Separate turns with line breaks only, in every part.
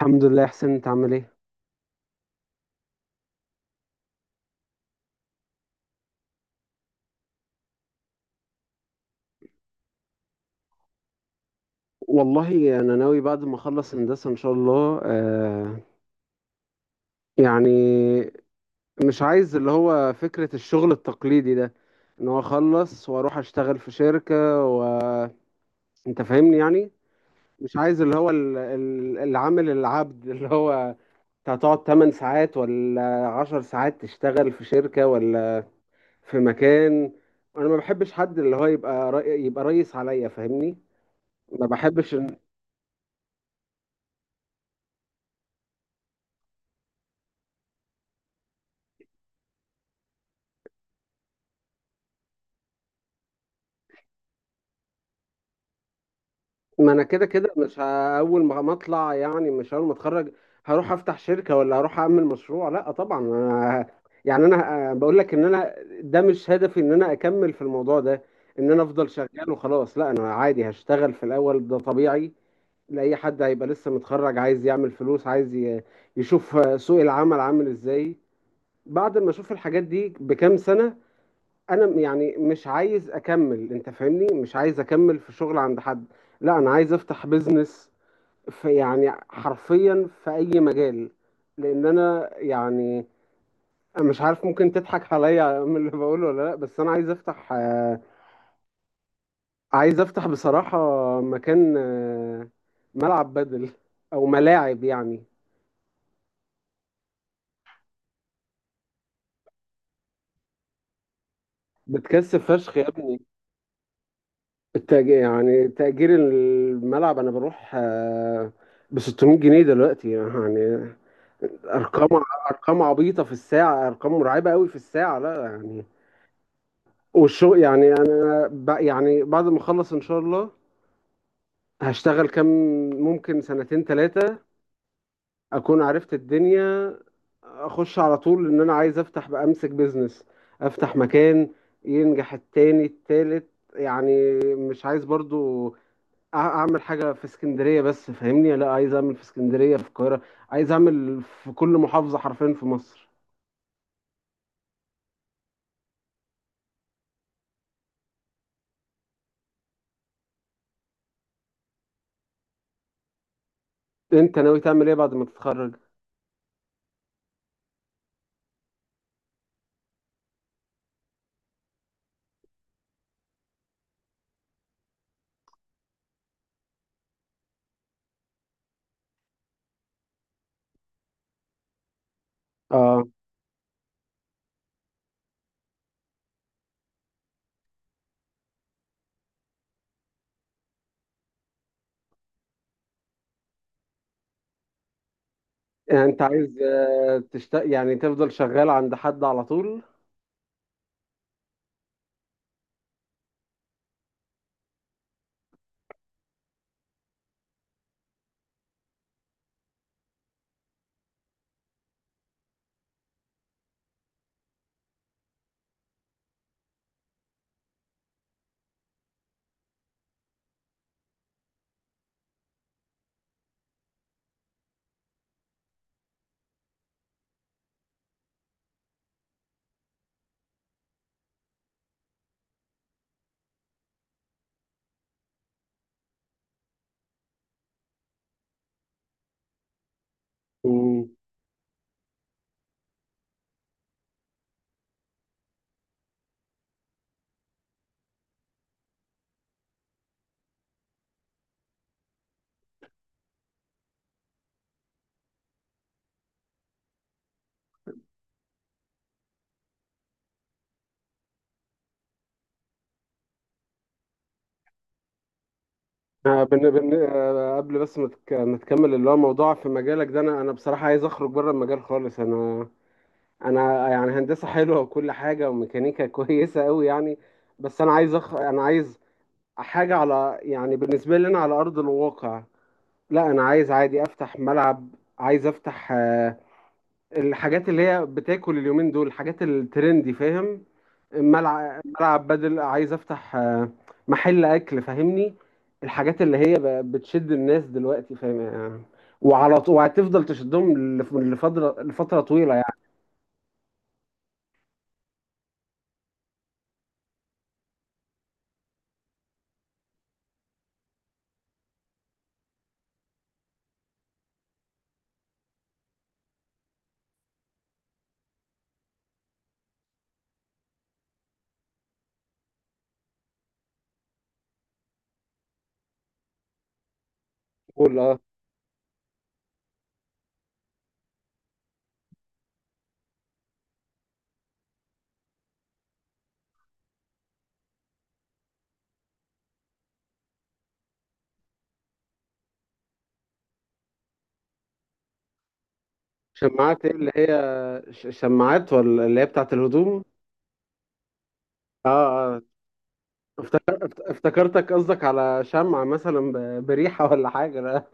الحمد لله يا حسين، انت عامل ايه؟ والله انا ناوي بعد ما اخلص هندسه ان شاء الله، يعني مش عايز اللي هو فكره الشغل التقليدي ده، ان هو اخلص واروح اشتغل في شركه، وانت فاهمني يعني. مش عايز اللي هو العامل العبد اللي هو انت هتقعد 8 ساعات ولا 10 ساعات تشتغل في شركه ولا في مكان. انا ما بحبش حد اللي هو يبقى يبقى ريس عليا، فاهمني؟ ما بحبش. ما انا كده كده مش ه- اول ما اطلع، يعني مش اول ما اتخرج، هروح افتح شركه ولا هروح اعمل مشروع، لا طبعا. أنا يعني انا بقول لك ان انا ده مش هدفي ان انا اكمل في الموضوع ده، ان انا افضل شغال وخلاص. لا انا عادي هشتغل في الاول، ده طبيعي لاي حد هيبقى لسه متخرج، عايز يعمل فلوس، عايز يشوف سوق العمل عامل ازاي. بعد ما اشوف الحاجات دي بكام سنه، يعني مش عايز اكمل انت فاهمني، مش عايز اكمل في شغل عند حد. لا انا عايز افتح بيزنس في، يعني حرفيا، في اي مجال. لان انا يعني مش عارف ممكن تضحك عليا من اللي بقوله ولا لا، بس انا عايز افتح، عايز افتح بصراحة مكان، ملعب بدل، او ملاعب يعني. بتكسب فشخ يا ابني. التأجير يعني تأجير الملعب، انا بروح ب 600 جنيه دلوقتي يعني. ارقام، ارقام عبيطه في الساعه، ارقام مرعبه قوي في الساعه، لا يعني. والشغل يعني انا يعني بعد ما اخلص ان شاء الله هشتغل كام، ممكن سنتين ثلاثه، اكون عرفت الدنيا. اخش على طول ان انا عايز افتح بقى، امسك بيزنس، افتح مكان، ينجح التاني التالت. يعني مش عايز برضو اعمل حاجه في اسكندريه بس فاهمني، لا عايز اعمل في اسكندريه في القاهره، عايز اعمل في كل محافظه حرفيا في مصر. انت ناوي تعمل ايه بعد ما تتخرج؟ اه. يعني انت عايز، يعني تفضل شغال عند حد على طول؟ مم. آه، بن... بن... آه، قبل بس ما تكمل اللي هو موضوع في مجالك ده، انا انا بصراحة عايز اخرج بره المجال خالص. انا انا يعني هندسة حلوة وكل حاجة وميكانيكا كويسة قوي يعني. بس انا عايز، انا عايز حاجة على، يعني بالنسبة لي انا على ارض الواقع. لا انا عايز عادي افتح ملعب، عايز افتح الحاجات اللي هي بتاكل اليومين دول، الحاجات الترندي فاهم. ملعب، ملعب بدل، عايز افتح محل اكل فاهمني. الحاجات اللي هي بتشد الناس دلوقتي فاهم؟ وعلى طول، وهتفضل تشدهم لفتره، لفتره طويله يعني. قول اه. شماعات ايه اللي هي؟ شماعات ولا اللي هي بتاعت الهدوم؟ اه، اه. افتكرتك قصدك على شمعة مثلا بريحة ولا حاجة، لا.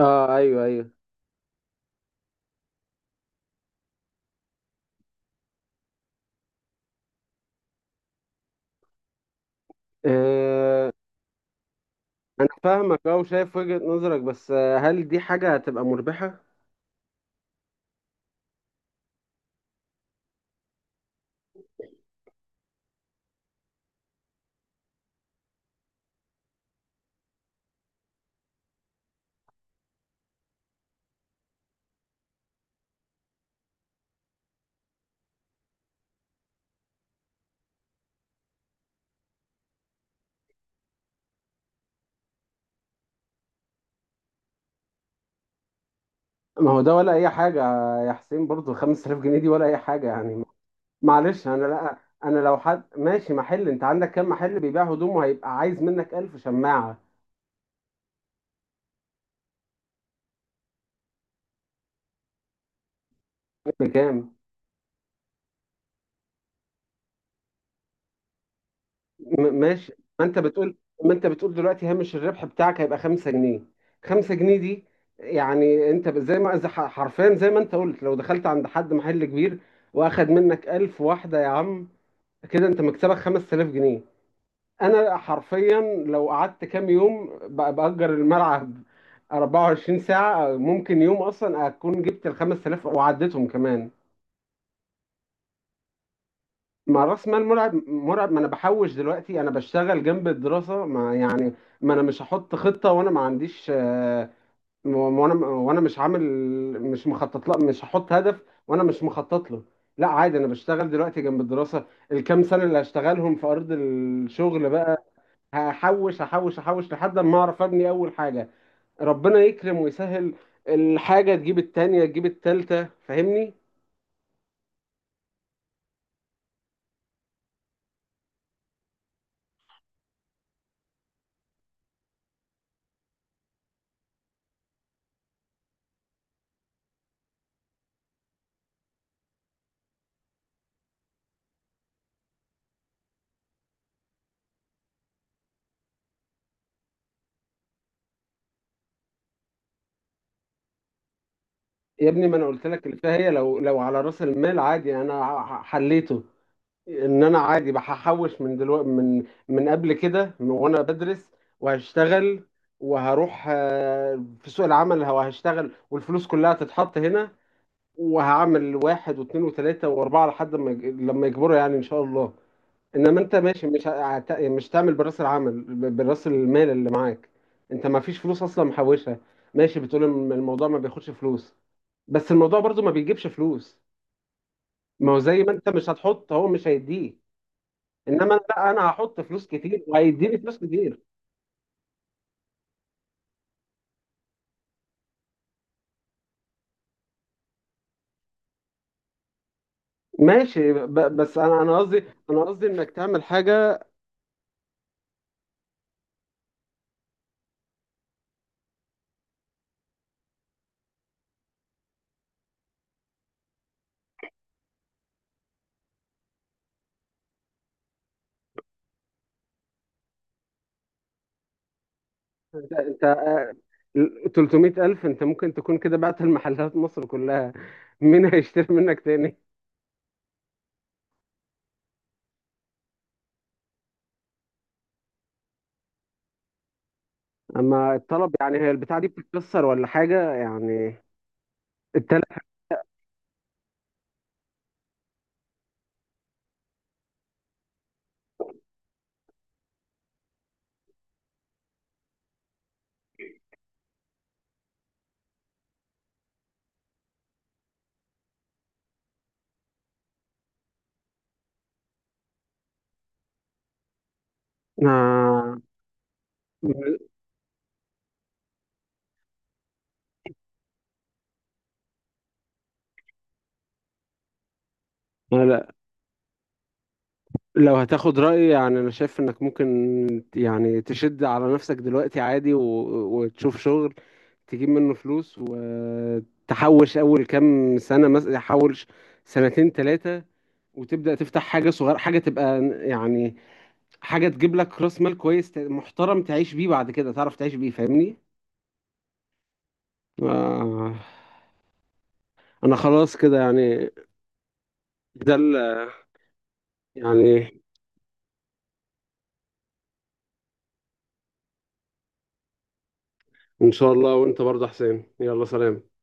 اه، ايوه، ايوه. آه، انا فاهمك، اه، وشايف وجهة نظرك، بس هل دي حاجة هتبقى مربحة؟ ما هو ده ولا اي حاجة يا حسين، برضو 5000 جنيه دي ولا اي حاجة يعني. معلش. انا لا. انا لو حد ماشي محل، انت عندك كام محل بيبيع هدوم وهيبقى عايز منك 1000 شماعة؟ بكام؟ ماشي. ما انت بتقول ما انت بتقول دلوقتي هامش الربح بتاعك هيبقى 5 جنيه، 5 جنيه دي يعني. انت زي ما، زي حرفيا زي ما انت قلت، لو دخلت عند حد محل كبير واخد منك 1000 واحدة، يا عم كده انت مكسبك 5000 جنيه. انا حرفيا لو قعدت كام يوم باجر الملعب 24 ساعه، ممكن يوم اصلا اكون جبت ال 5000 وعديتهم كمان. مع راس مال مرعب، مرعب. ما انا بحوش دلوقتي، انا بشتغل جنب الدراسه ما يعني. ما انا مش هحط خطه وانا ما عنديش، وانا وانا مش عامل، مش مخطط. لا مش هحط هدف وانا مش مخطط له. لا عادي، انا بشتغل دلوقتي جنب الدراسه. الكام سنه اللي هشتغلهم في ارض الشغل بقى، هحوش هحوش هحوش لحد ما اعرف ابني اول حاجه. ربنا يكرم ويسهل. الحاجه تجيب التانية تجيب التالتة فاهمني. يا ابني، ما انا قلت لك اللي فيها، هي لو على راس المال عادي يعني انا حليته. ان انا عادي بحوش من دلوقتي، من قبل كده، من وانا بدرس وهشتغل وهروح في سوق العمل وهشتغل، والفلوس كلها تتحط هنا، وهعمل واحد واثنين وثلاثة واربعة لحد ما لما يكبروا يعني ان شاء الله. انما انت ماشي، مش تعمل براس العمل، براس المال اللي معاك، انت ما فيش فلوس اصلا محوشها. ماشي بتقول إن الموضوع ما بياخدش فلوس، بس الموضوع برضو ما بيجيبش فلوس. ما هو زي ما انت مش هتحط هو مش هيديه. انما أنا لا، انا هحط فلوس كتير وهيديني فلوس كتير. ماشي بس انا انا قصدي انك تعمل حاجه. انت 300 الف، انت ممكن تكون كده بعت المحلات مصر كلها، مين هيشتري منك تاني؟ اما الطلب يعني، هي البتاعة دي بتتكسر ولا حاجة يعني؟ التلات ما. لا لو هتاخد رأيي، يعني انا شايف انك ممكن يعني تشد على نفسك دلوقتي عادي و... وتشوف شغل، تجيب منه فلوس، وتحوش اول كام سنة مثلا تحوش سنتين ثلاثة، وتبدأ تفتح حاجة صغيرة، حاجة تبقى يعني حاجة تجيب لك راس مال كويس محترم تعيش بيه، بعد كده تعرف تعيش بيه، فاهمني؟ آه، انا خلاص كده يعني. ده يعني. إن شاء الله. وأنت برضه يا حسين يلا سلام.